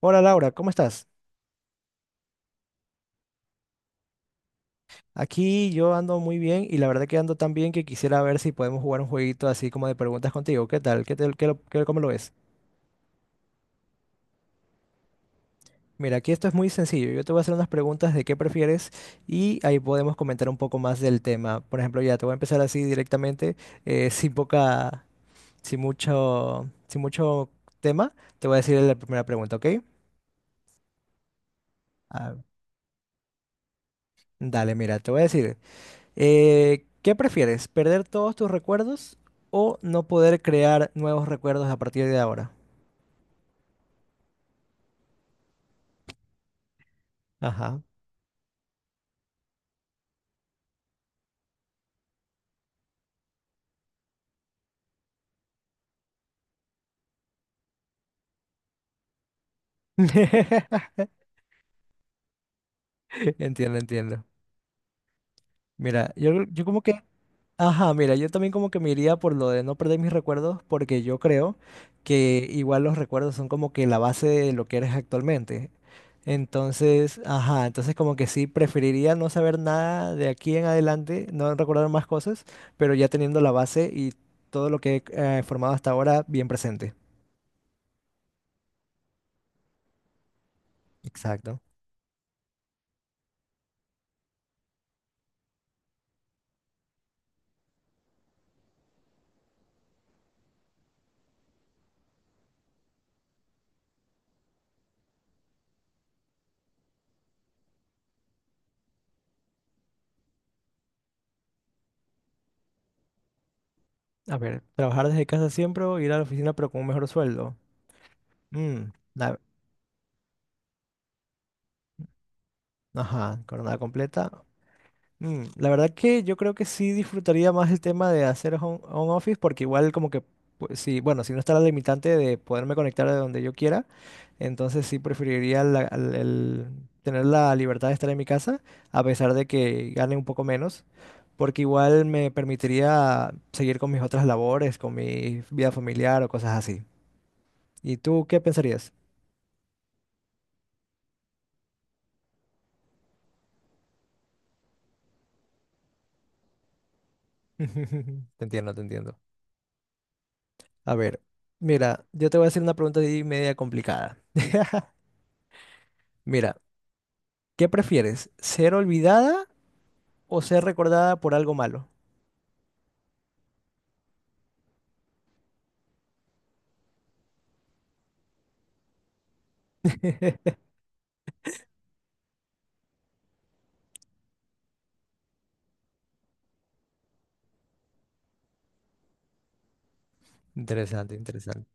Hola Laura, ¿cómo estás? Aquí yo ando muy bien y la verdad que ando tan bien que quisiera ver si podemos jugar un jueguito así como de preguntas contigo. ¿Qué tal? ¿Qué tal? ¿Cómo lo ves? Mira, aquí esto es muy sencillo. Yo te voy a hacer unas preguntas de qué prefieres y ahí podemos comentar un poco más del tema. Por ejemplo, ya te voy a empezar así directamente, sin poca, sin mucho tema. Te voy a decir la primera pregunta, ¿ok? Ah, Dale, mira, te voy a decir. ¿Qué prefieres? ¿Perder todos tus recuerdos o no poder crear nuevos recuerdos a partir de ahora? Ajá. Entiendo, entiendo. Mira, yo como que ajá, mira, yo también como que me iría por lo de no perder mis recuerdos, porque yo creo que igual los recuerdos son como que la base de lo que eres actualmente. Entonces, ajá, entonces como que sí, preferiría no saber nada de aquí en adelante, no recordar más cosas, pero ya teniendo la base y todo lo que he formado hasta ahora bien presente. Exacto. A ver, trabajar desde casa siempre o ir a la oficina pero con un mejor sueldo. Mm, la- ajá, jornada completa. Mm, la verdad que yo creo que sí disfrutaría más el tema de hacer home office, porque igual como que pues, sí, bueno, si no está la limitante de poderme conectar de donde yo quiera, entonces sí preferiría el tener la libertad de estar en mi casa a pesar de que gane un poco menos, porque igual me permitiría seguir con mis otras labores, con mi vida familiar o cosas así. ¿Y tú qué pensarías? Te entiendo, te entiendo. A ver, mira, yo te voy a hacer una pregunta ahí media complicada. Mira, ¿qué prefieres? ¿Ser olvidada o ser recordada por algo malo? Interesante, interesante.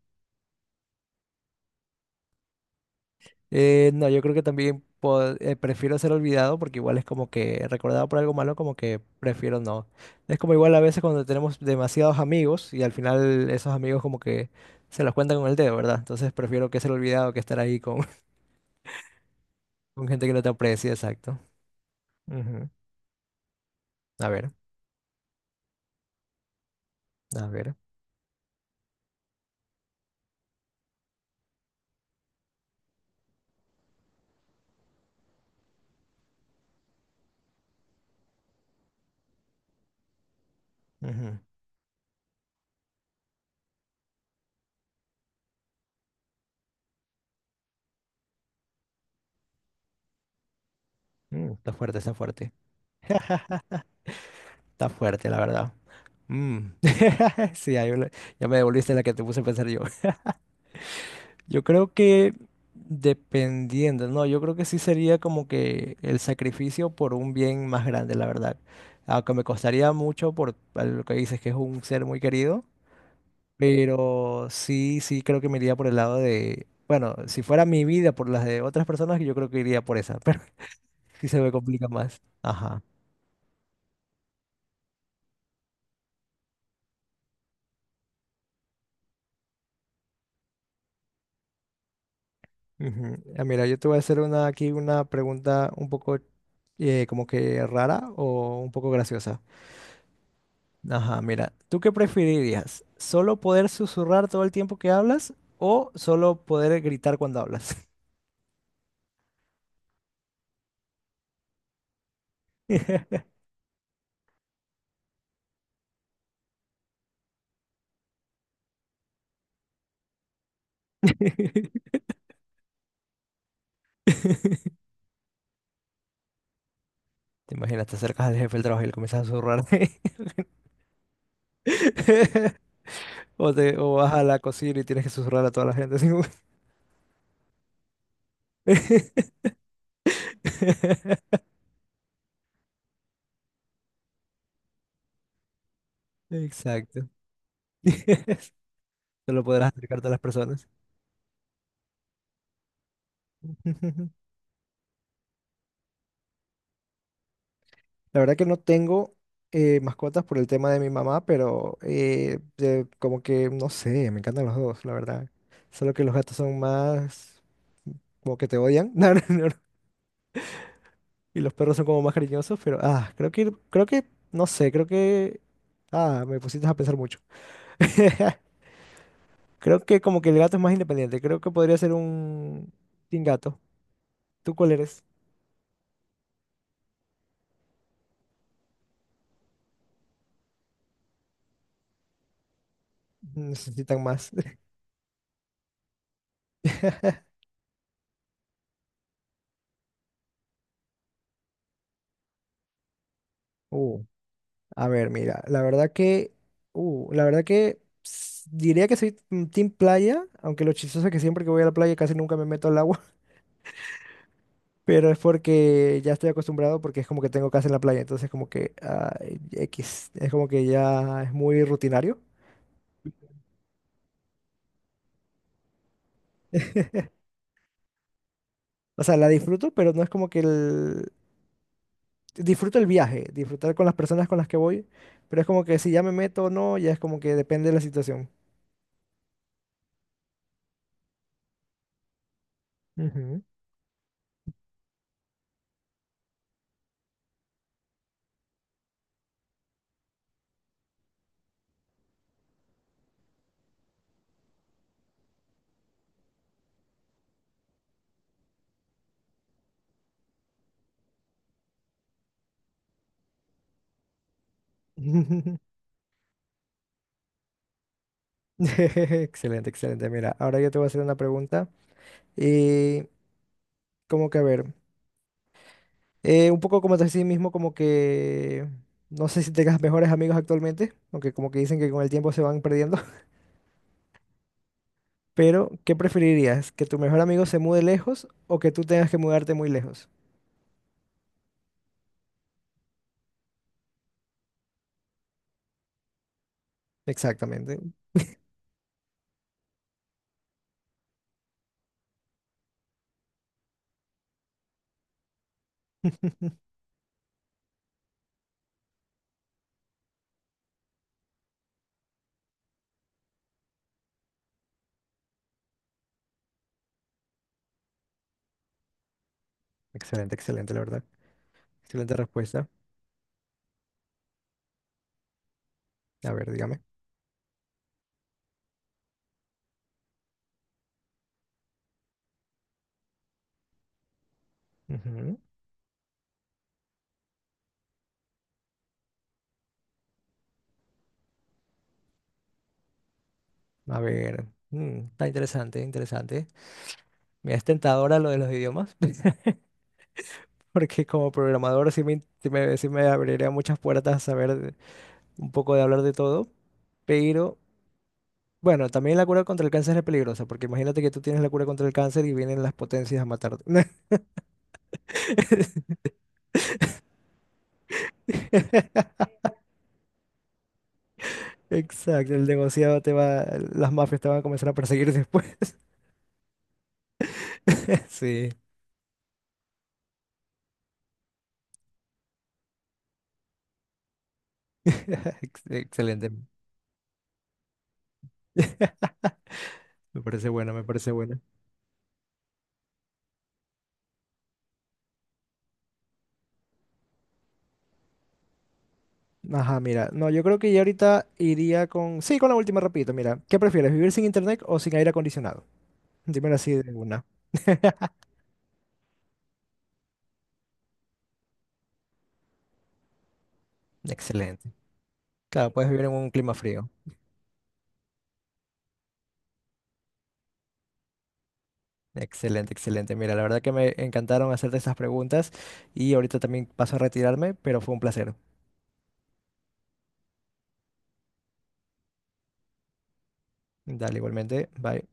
No, yo creo que también prefiero ser olvidado, porque igual es como que recordado por algo malo, como que prefiero no. Es como igual a veces cuando tenemos demasiados amigos y al final esos amigos como que se los cuentan con el dedo, ¿verdad? Entonces prefiero que ser olvidado que estar ahí con, con gente que no te aprecia, exacto. Ujú. A ver, a ver. Ujú. Mm, está fuerte, está fuerte. Está fuerte, la verdad. Mm. Sí, ya me devolviste la que te puse a pensar yo. Yo creo que dependiendo, no, yo creo que sí sería como que el sacrificio por un bien más grande, la verdad. Aunque me costaría mucho por lo que dices que es un ser muy querido, pero sí, sí creo que me iría por el lado de, bueno, si fuera mi vida por las de otras personas, yo creo que iría por esa, pero sí se me complica más. Ajá. Ujú. Ah, mira, yo te voy a hacer una, aquí una pregunta un poco como que rara o un poco graciosa. Ajá, mira, ¿tú qué preferirías? ¿Solo poder susurrar todo el tiempo que hablas o solo poder gritar cuando hablas? Te imaginas, te acercas al jefe del trabajo y le comienzas a susurrar. O vas a la cocina y tienes que susurrar a toda la gente, así como... Exacto. Solo podrás acercarte a las personas. La verdad que no tengo mascotas por el tema de mi mamá, pero como que no sé, me encantan los dos, la verdad. Solo que los gatos son más como que te odian. No, no, no, no. Y los perros son como más cariñosos, pero ah, creo que no sé, creo que ah, me pusiste a pensar mucho. Creo que como que el gato es más independiente. Creo que podría ser un sin gato. ¿Tú cuál eres? Necesitan más. A ver, mira, la verdad que diría que soy mm, team playa, aunque lo chistoso es que siempre que voy a la playa casi nunca me meto al agua, pero es porque ya estoy acostumbrado porque es como que tengo casa en la playa, entonces como que ah, X, es como que ya es muy rutinario. O sea, la disfruto, pero no es como que el... Disfruto el viaje, disfrutar con las personas con las que voy, pero es como que si ya me meto o no, ya es como que depende de la situación. Ujú. Excelente, excelente. Mira, ahora yo te voy a hacer una pregunta. Y como que a ver, un poco como te decía mismo, como que no sé si tengas mejores amigos actualmente, aunque como que dicen que con el tiempo se van perdiendo, pero ¿qué preferirías? ¿Que tu mejor amigo se mude lejos o que tú tengas que mudarte muy lejos? Exactamente. Excelente, excelente, la verdad. Excelente respuesta. A ver, dígame. Ujú. A ver, mm, está interesante, interesante. Mira, es tentadora lo de los idiomas, porque como programador sí sí me abriría muchas puertas a saber un poco de hablar de todo, pero bueno, también la cura contra el cáncer es peligrosa, porque imagínate que tú tienes la cura contra el cáncer y vienen las potencias a matarte. Exacto, el negociado te va, las mafias te van a comenzar a perseguir después. Sí, ex- excelente. Me parece buena, me parece buena. Ajá, mira, no, yo creo que ya ahorita iría con, sí, con la última rapidito, mira, ¿qué prefieres, vivir sin internet o sin aire acondicionado? Dímelo así de una. Excelente. Claro, puedes vivir en un clima frío. Excelente, excelente. Mira, la verdad que me encantaron hacerte estas preguntas y ahorita también paso a retirarme, pero fue un placer. Dale, igualmente. Bye.